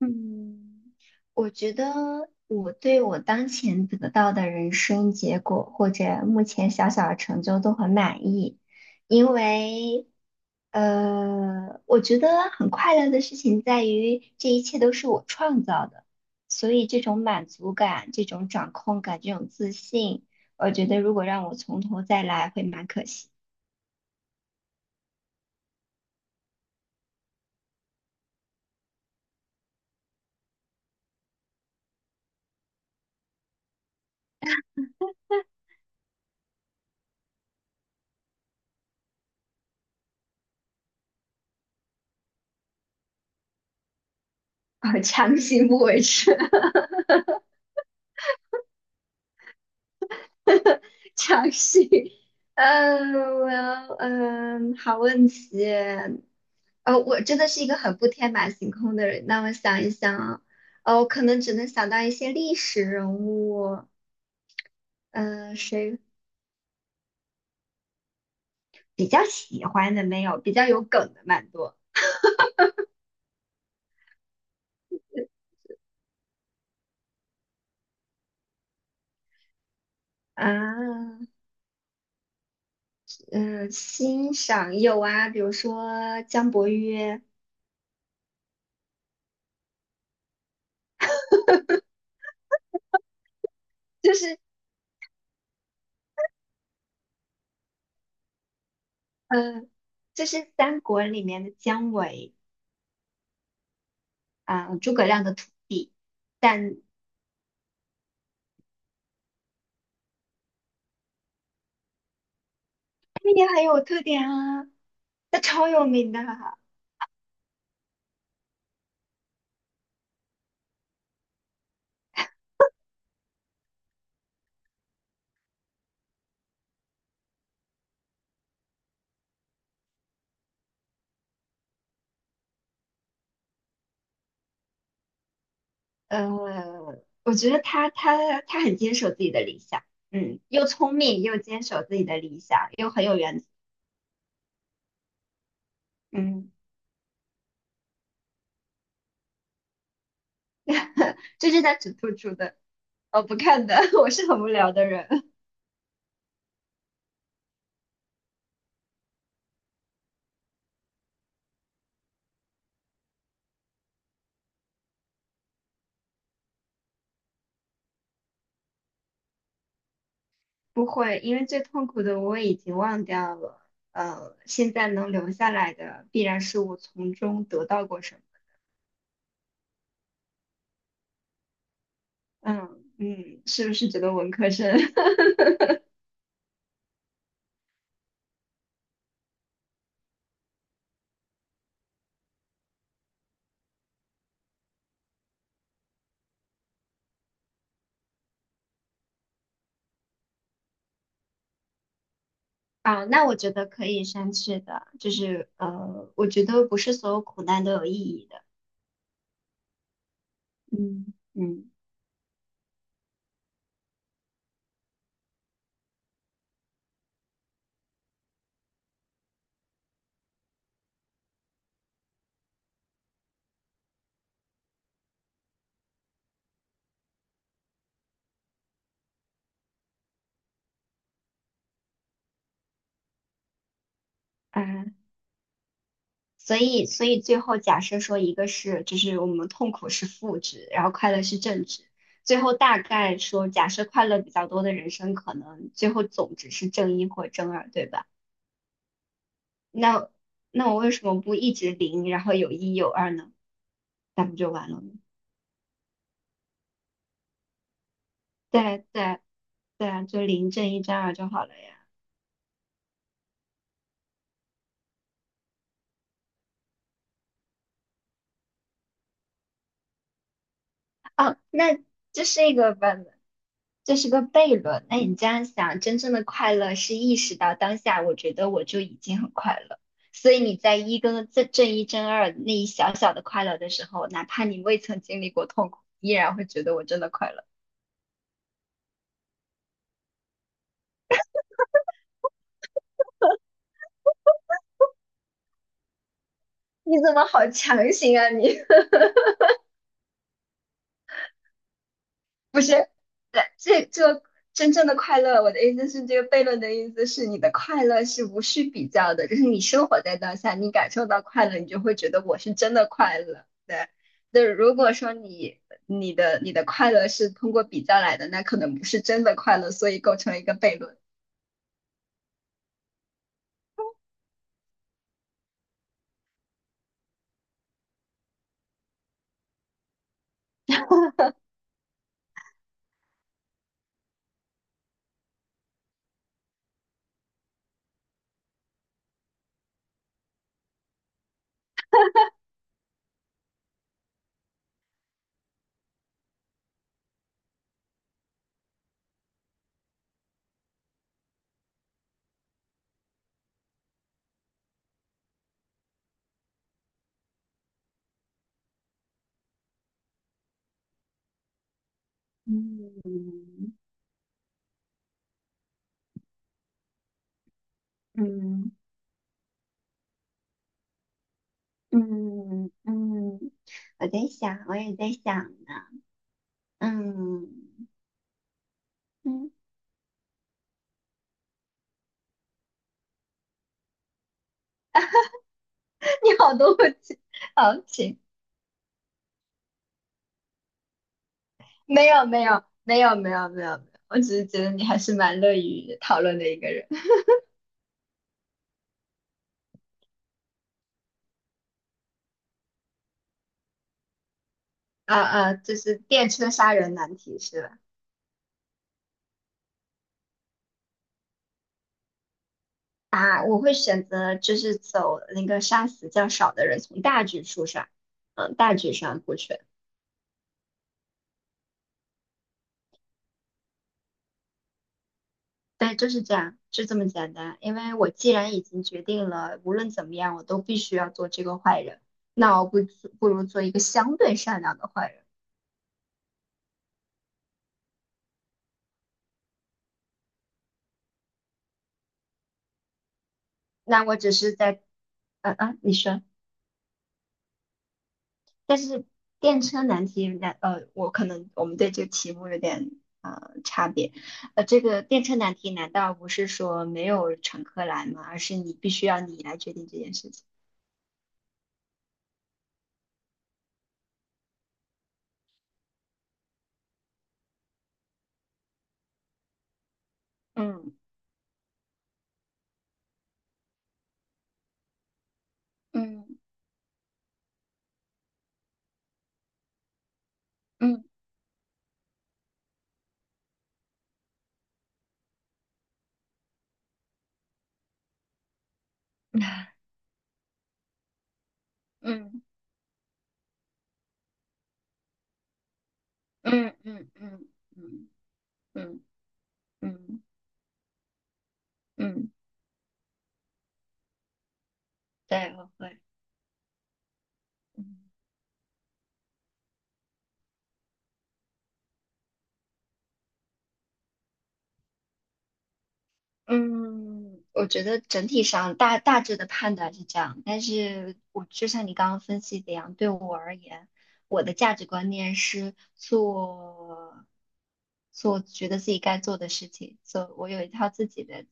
嗯，我觉得我对我当前得到的人生结果或者目前小小的成就都很满意，因为，我觉得很快乐的事情在于这一切都是我创造的，所以这种满足感、这种掌控感、这种自信，我觉得如果让我从头再来会蛮可惜，我强行不为之。尝试，嗯，我要嗯，好问题。我真的是一个很不天马行空的人。那我想一想啊，我可能只能想到一些历史人物，嗯、谁比较喜欢的没有？比较有梗的蛮多啊，嗯、欣赏有啊，比如说姜伯约，就是嗯、呃就是三国里面的姜维啊、诸葛亮的徒弟。但那也很有特点啊，他超有名的啊呃，我觉得他很坚守自己的理想，嗯，又聪明又坚守自己的理想，又很有原则，嗯，这是他只突出的，我不看的，我是很无聊的人，不会，因为最痛苦的我已经忘掉了，现在能留下来的必然是我从中得到过什么，嗯嗯，是不是觉得文科生？啊，那我觉得可以删去的，就是我觉得不是所有苦难都有意义的，嗯嗯啊，所以最后假设说一个是就是我们痛苦是负值，然后快乐是正值，最后大概说假设快乐比较多的人生可能最后总值是正一或正二，对吧？那我为什么不一直零，然后有一有二呢？那不就完了吗？对对对啊，就零正一正二就好了呀。哦，那这是一个悖本，这是个悖论。那你这样想，真正的快乐是意识到当下，我觉得我就已经很快乐。所以你在一跟正一正二那一小小的快乐的时候，哪怕你未曾经历过痛苦，依然会觉得我真的快乐。你怎么好强行啊你？不是。对，这真正的快乐，我的意思是，这个悖论的意思是，你的快乐是无需比较的，就是你生活在当下，你感受到快乐，你就会觉得我是真的快乐。对，那如果说你你的快乐是通过比较来的，那可能不是真的快乐，所以构成一个悖论。嗯嗯嗯嗯，我在想，我也在想呢。嗯嗯，你好多问题，好，请。没有没有没有没有没有没有，我只是觉得你还是蛮乐于讨论的一个人。啊啊，就是电车杀人难题是吧？啊，我会选择就是走那个杀死较少的人，从大局出发，嗯，大局上顾全。对，就是这样，就这么简单。因为我既然已经决定了，无论怎么样，我都必须要做这个坏人，那我不如做一个相对善良的坏人。那我只是在，嗯嗯，你说。但是电车难题，人家我可能我们对这个题目有点差别。这个电车难题难道不是说没有乘客来吗？而是你必须要你来决定这件事情。嗯嗯嗯嗯嗯嗯嗯嗯嗯嗯嗯，对，我会。嗯嗯，我觉得整体上大致的判断是这样，但是我就像你刚刚分析的一样，对我而言，我的价值观念是做觉得自己该做的事情，做我有一套自己的，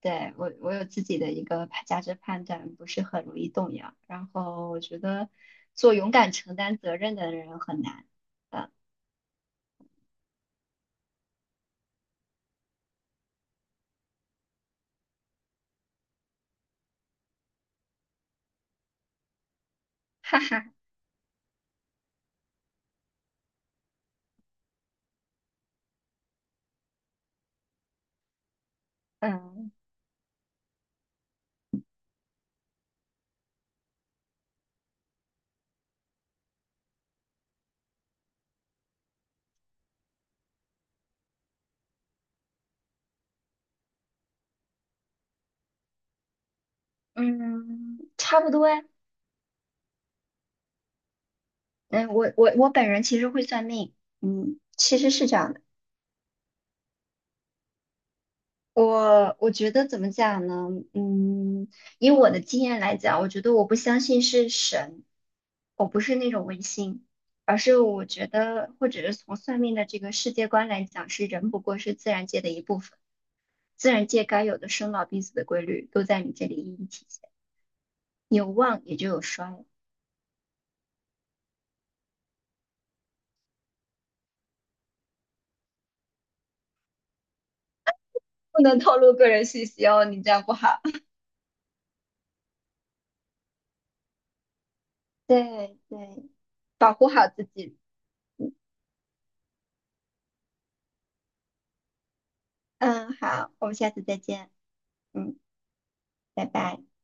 对，我有自己的一个价值判断，不是很容易动摇。然后我觉得做勇敢承担责任的人很难。呃嗯嗯，差不多呀。嗯，我本人其实会算命，嗯，其实是这样的。我觉得怎么讲呢？嗯，以我的经验来讲，我觉得我不相信是神，我不是那种唯心，而是我觉得，或者是从算命的这个世界观来讲，是人不过是自然界的一部分，自然界该有的生老病死的规律都在你这里一一体现，有旺也就有衰，不能透露个人信息哦，你这样不好。对对，保护好自己。嗯，好，我们下次再见。嗯，拜拜。